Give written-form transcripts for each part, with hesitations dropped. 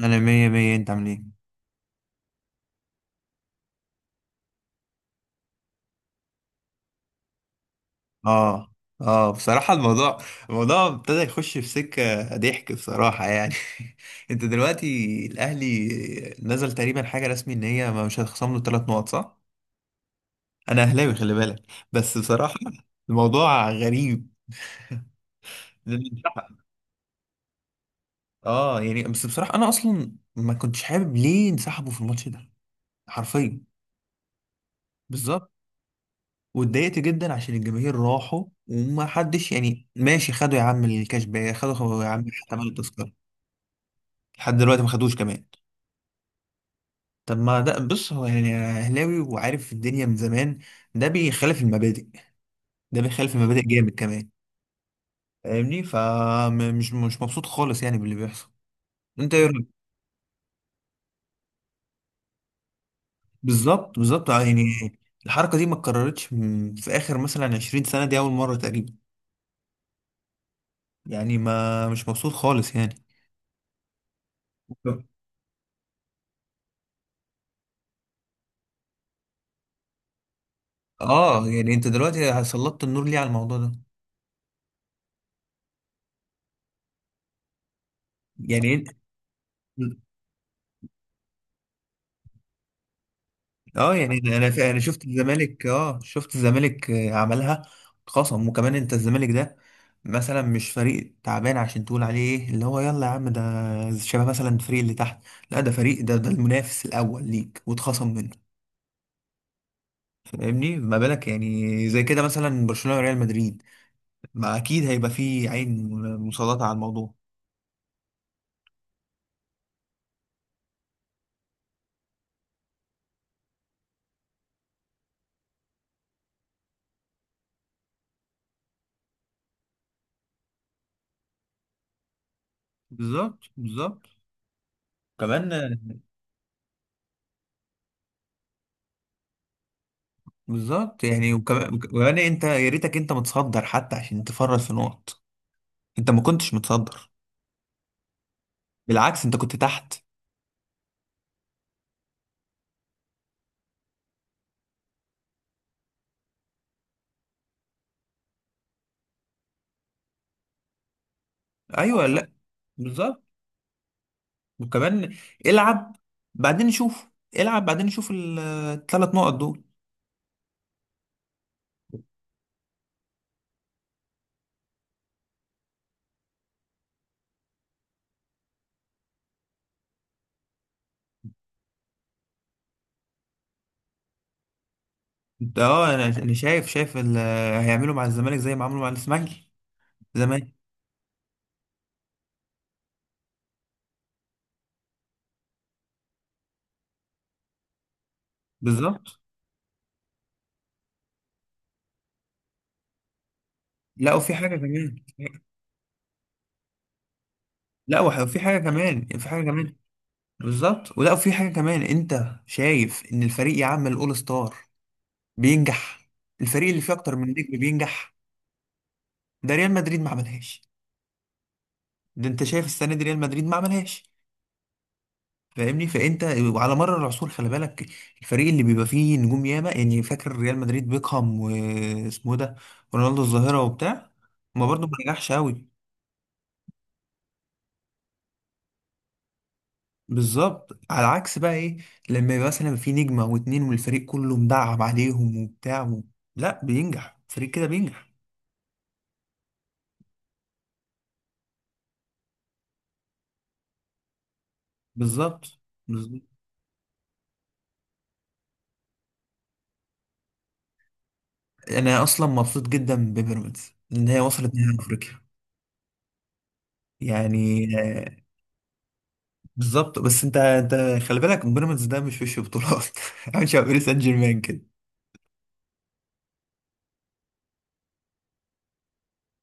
انا مية مية، انت عامل ايه؟ اه. اه، بصراحة الموضوع ابتدى يخش في سكة ضحك، بصراحة يعني. انت دلوقتي الاهلي نزل تقريبا حاجة رسمي ان هي مش هتخصم له 3 نقط، صح؟ انا اهلاوي خلي بالك، بس بصراحة الموضوع غريب. اه يعني، بس بصراحة انا اصلا ما كنتش حابب ليه انسحبوا في الماتش ده، حرفيا. بالظبط. واتضايقت جدا عشان الجماهير راحوا وما حدش يعني ماشي، خدوا يا عم الكاش باك، خدوا خدوا يا عم تمن التذكرة، لحد دلوقتي ما خدوش كمان. طب ما ده، بص هو يعني اهلاوي وعارف الدنيا من زمان، ده بيخالف المبادئ، ده بيخالف المبادئ جامد كمان. فاهمني؟ فمش مش مبسوط خالص يعني باللي بيحصل. انت ايه رأيك؟ بالظبط بالظبط يعني. الحركة دي ما اتكررتش في اخر مثلا 20 سنة، دي اول مرة تقريبا. يعني ما مش مبسوط خالص يعني. اه يعني، انت دلوقتي سلطت النور ليه على الموضوع ده؟ يعني انت اه يعني انا ف- انا شفت الزمالك، عملها خصم. وكمان انت الزمالك ده مثلا مش فريق تعبان عشان تقول عليه ايه اللي هو، يلا يا عم ده شبه مثلا الفريق اللي تحت. لا، ده فريق، ده المنافس الاول ليك واتخصم منه. فاهمني؟ ما بالك يعني زي كده مثلا برشلونة وريال مدريد؟ ما اكيد هيبقى فيه عين مسلطة على الموضوع. بالظبط بالظبط كمان. بالظبط يعني، وكمان وكمان انت يا ريتك انت متصدر حتى عشان تفرط في نقط. انت ما كنتش متصدر، بالعكس انت كنت تحت. ايوه لا بالظبط. وكمان العب بعدين نشوف، العب بعدين نشوف الثلاث نقط دول. انا شايف هيعملوا مع الزمالك زي ما عملوا مع الاسماعيلي زمان. بالظبط. لا وفي حاجه كمان. لا وفي حاجه كمان، في حاجه كمان. بالظبط. ولا وفي حاجه كمان، انت شايف ان الفريق يعمل اول ستار بينجح؟ الفريق اللي فيه اكتر من نجم بينجح. ده ريال مدريد ما عملهاش، ده انت شايف السنه دي ريال مدريد ما عملهاش. فاهمني؟ فانت وعلى مر العصور خلي بالك، الفريق اللي بيبقى فيه نجوم ياما يعني، فاكر ريال مدريد بيكهام واسمه ده رونالدو الظاهره وبتاع، ما برضه ما نجحش قوي. بالظبط. على عكس بقى ايه، لما يبقى مثلا في نجمه او اتنين والفريق كله مدعم عليهم وبتاع و... لا بينجح، فريق كده بينجح. بالظبط بالظبط. انا اصلا مبسوط جدا ببيراميدز ان هي وصلت نهائي افريقيا. يعني. بالظبط، بس انت خلي بالك بيراميدز ده مش وش بطولات. عامل شبه باريس سان جيرمان كده.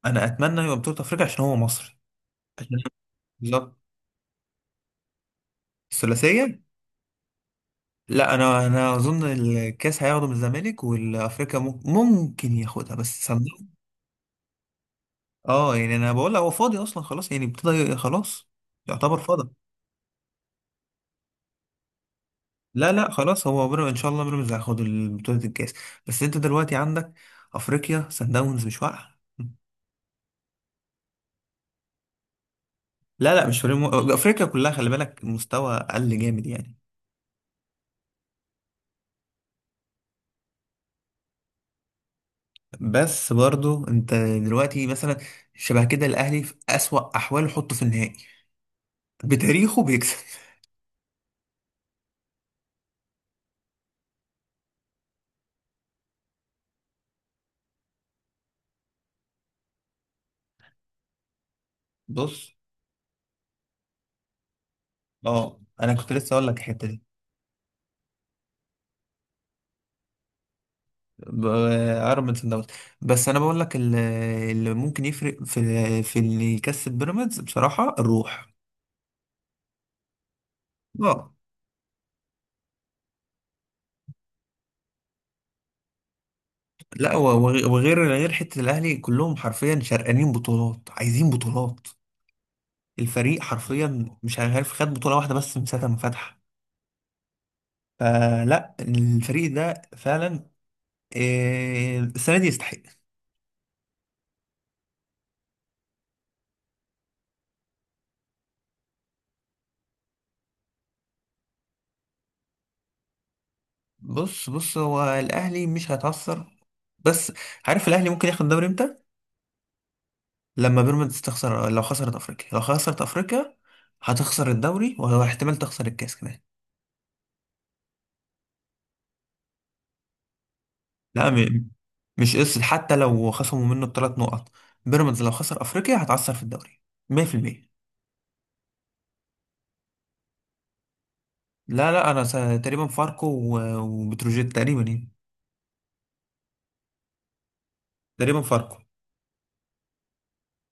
انا اتمنى يبقى بطوله افريقيا عشان هو مصري. عشان بالظبط الثلاثيه. لا انا اظن الكاس هياخده من الزمالك، والافريقيا ممكن ياخدها بس صندوق. اه يعني انا بقول لك هو فاضي اصلا خلاص يعني، ابتدى خلاص يعتبر فاضي. لا لا خلاص، هو بيراميدز ان شاء الله بيراميدز هياخد بطولة الكاس. بس انت دلوقتي عندك افريقيا، سان داونز مش واقعة. لا لا مش فريق افريقيا كلها خلي بالك مستوى اقل جامد يعني. بس برضو انت دلوقتي مثلا شبه كده الاهلي في اسوأ احواله حطه في النهائي بتاريخه بيكسب. بص، اه انا كنت لسه اقول لك الحته دي. اقرب من صن داونز. بس انا بقول لك اللي ممكن يفرق في اللي يكسب بيراميدز بصراحه الروح. اه لا و- وغ- وغير غير حتة الأهلي كلهم حرفيا شرقانين بطولات، عايزين بطولات. الفريق حرفيا مش عارف خد بطولة واحدة بس من ساعة ما فتح. فلا الفريق ده فعلا السنة دي يستحق. بص بص هو الأهلي مش هيتعثر. بس عارف الأهلي ممكن ياخد الدوري امتى؟ لما بيراميدز تخسر، لو خسرت أفريقيا، لو خسرت أفريقيا هتخسر الدوري، وهو احتمال تخسر الكاس كمان. لا مش قصة حتى لو خصموا منه الثلاث نقط، بيراميدز لو خسر افريقيا هتعثر في الدوري 100%. لا لا تقريبا فاركو و... وبتروجيت تقريبا يعني. تقريبا فاركو.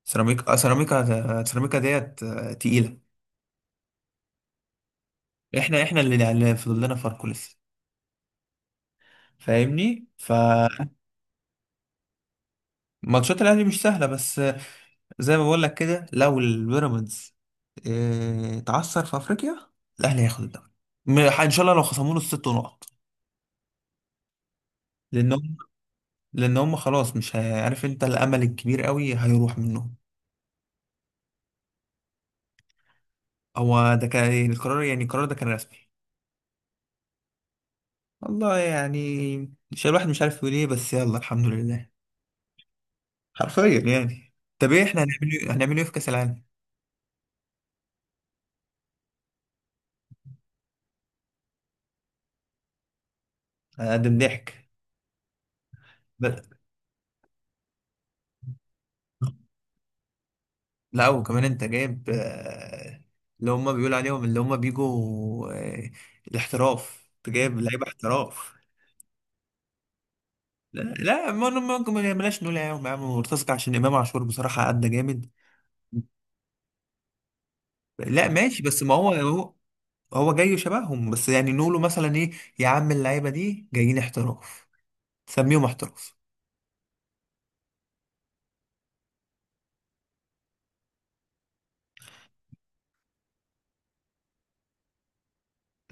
سيراميكا. سيراميكا ديت تقيلة. احنا اللي فضل لنا فاركو لسه. فاهمني؟ فماتشات الاهلي مش سهلة، بس زي ما بقول لك كده لو البيراميدز اتعثر في افريقيا الاهلي هياخد الدوري. ان شاء الله لو خصموا له الست نقط، لان لان هم خلاص مش عارف انت الامل الكبير قوي هيروح منهم. هو ده كان القرار، يعني القرار ده كان رسمي. والله يعني مش الواحد مش عارف يقول ايه، بس يلا الحمد لله، حرفيا يعني. طب ايه احنا هنعمل ايه في كاس العالم؟ هنقدم ضحك. ب- لا وكمان انت جايب اللي هم بيقولوا عليهم اللي هم بيجوا الاحتراف، انت جايب لعيبه احتراف. لا لا، ما ممكن ما نعملهاش، نقول يا عم يا عم مرتزق؟ عشان امام عاشور بصراحه ادى جامد. لا ماشي، بس ما هو جاي شبههم، بس يعني نقوله مثلا ايه؟ يا عم اللعيبه دي جايين احتراف، سميهم احتراف.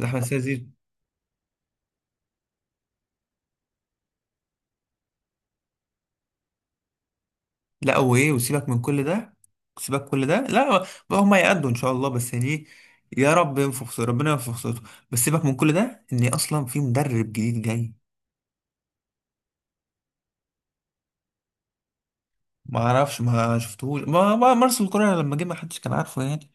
احمد السيد زيزو. لا هو ايه، وسيبك من كل ده، سيبك كل ده. لا بقى، هم يأدوا ان شاء الله، بس يعني يا رب ينفخ صوت، ربنا ينفخ صوته. بس سيبك من كل ده، ان اصلا في مدرب جديد جاي. ما اعرفش ما شفتهوش، ما مارسيل كولر لما جه ما حدش كان عارفه يعني.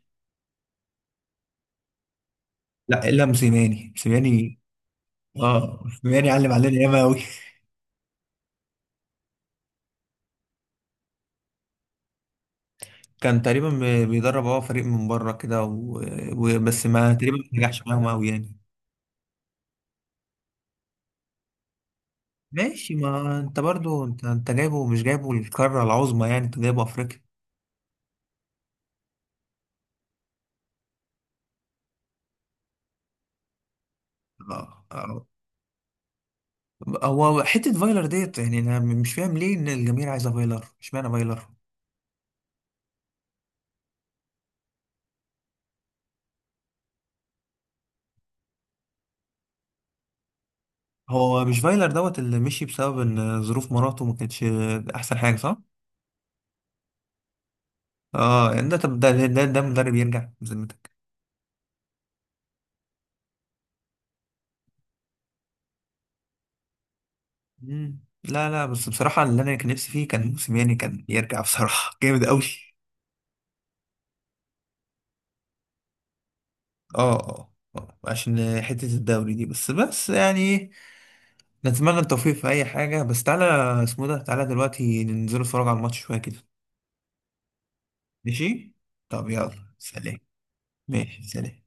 لا الا موسيماني موسيماني. اه موسيماني علم علينا ياما قوي. كان تقريبا بيدرب هو فريق من بره كده، وبس ما تقريبا ما نجحش معاهم قوي يعني. ماشي ما انت برضو انت جايبه، مش جايبه القاره العظمى يعني، انت جايبه افريقيا. اه، اه. هو حته فايلر ديت يعني، انا مش فاهم ليه ان الجماهير عايزه فايلر، اشمعنى فايلر؟ هو مش فايلر دوت اللي مشي بسبب ان ظروف مراته ما كانتش احسن حاجه، صح؟ اه يعني، ده طب ده مدرب يرجع بذمتك؟ مم. لا لا، بس بصراحه اللي انا كان نفسي فيه كان موسيماني كان يرجع، بصراحه جامد قوي. اه اه عشان حتة الدوري دي، بس يعني نتمنى التوفيق في أي حاجة. بس تعالى، اسمه ده، تعالى دلوقتي ننزل نتفرج على الماتش شوية كده. ماشي؟ طب يلا سلام. ماشي سلام.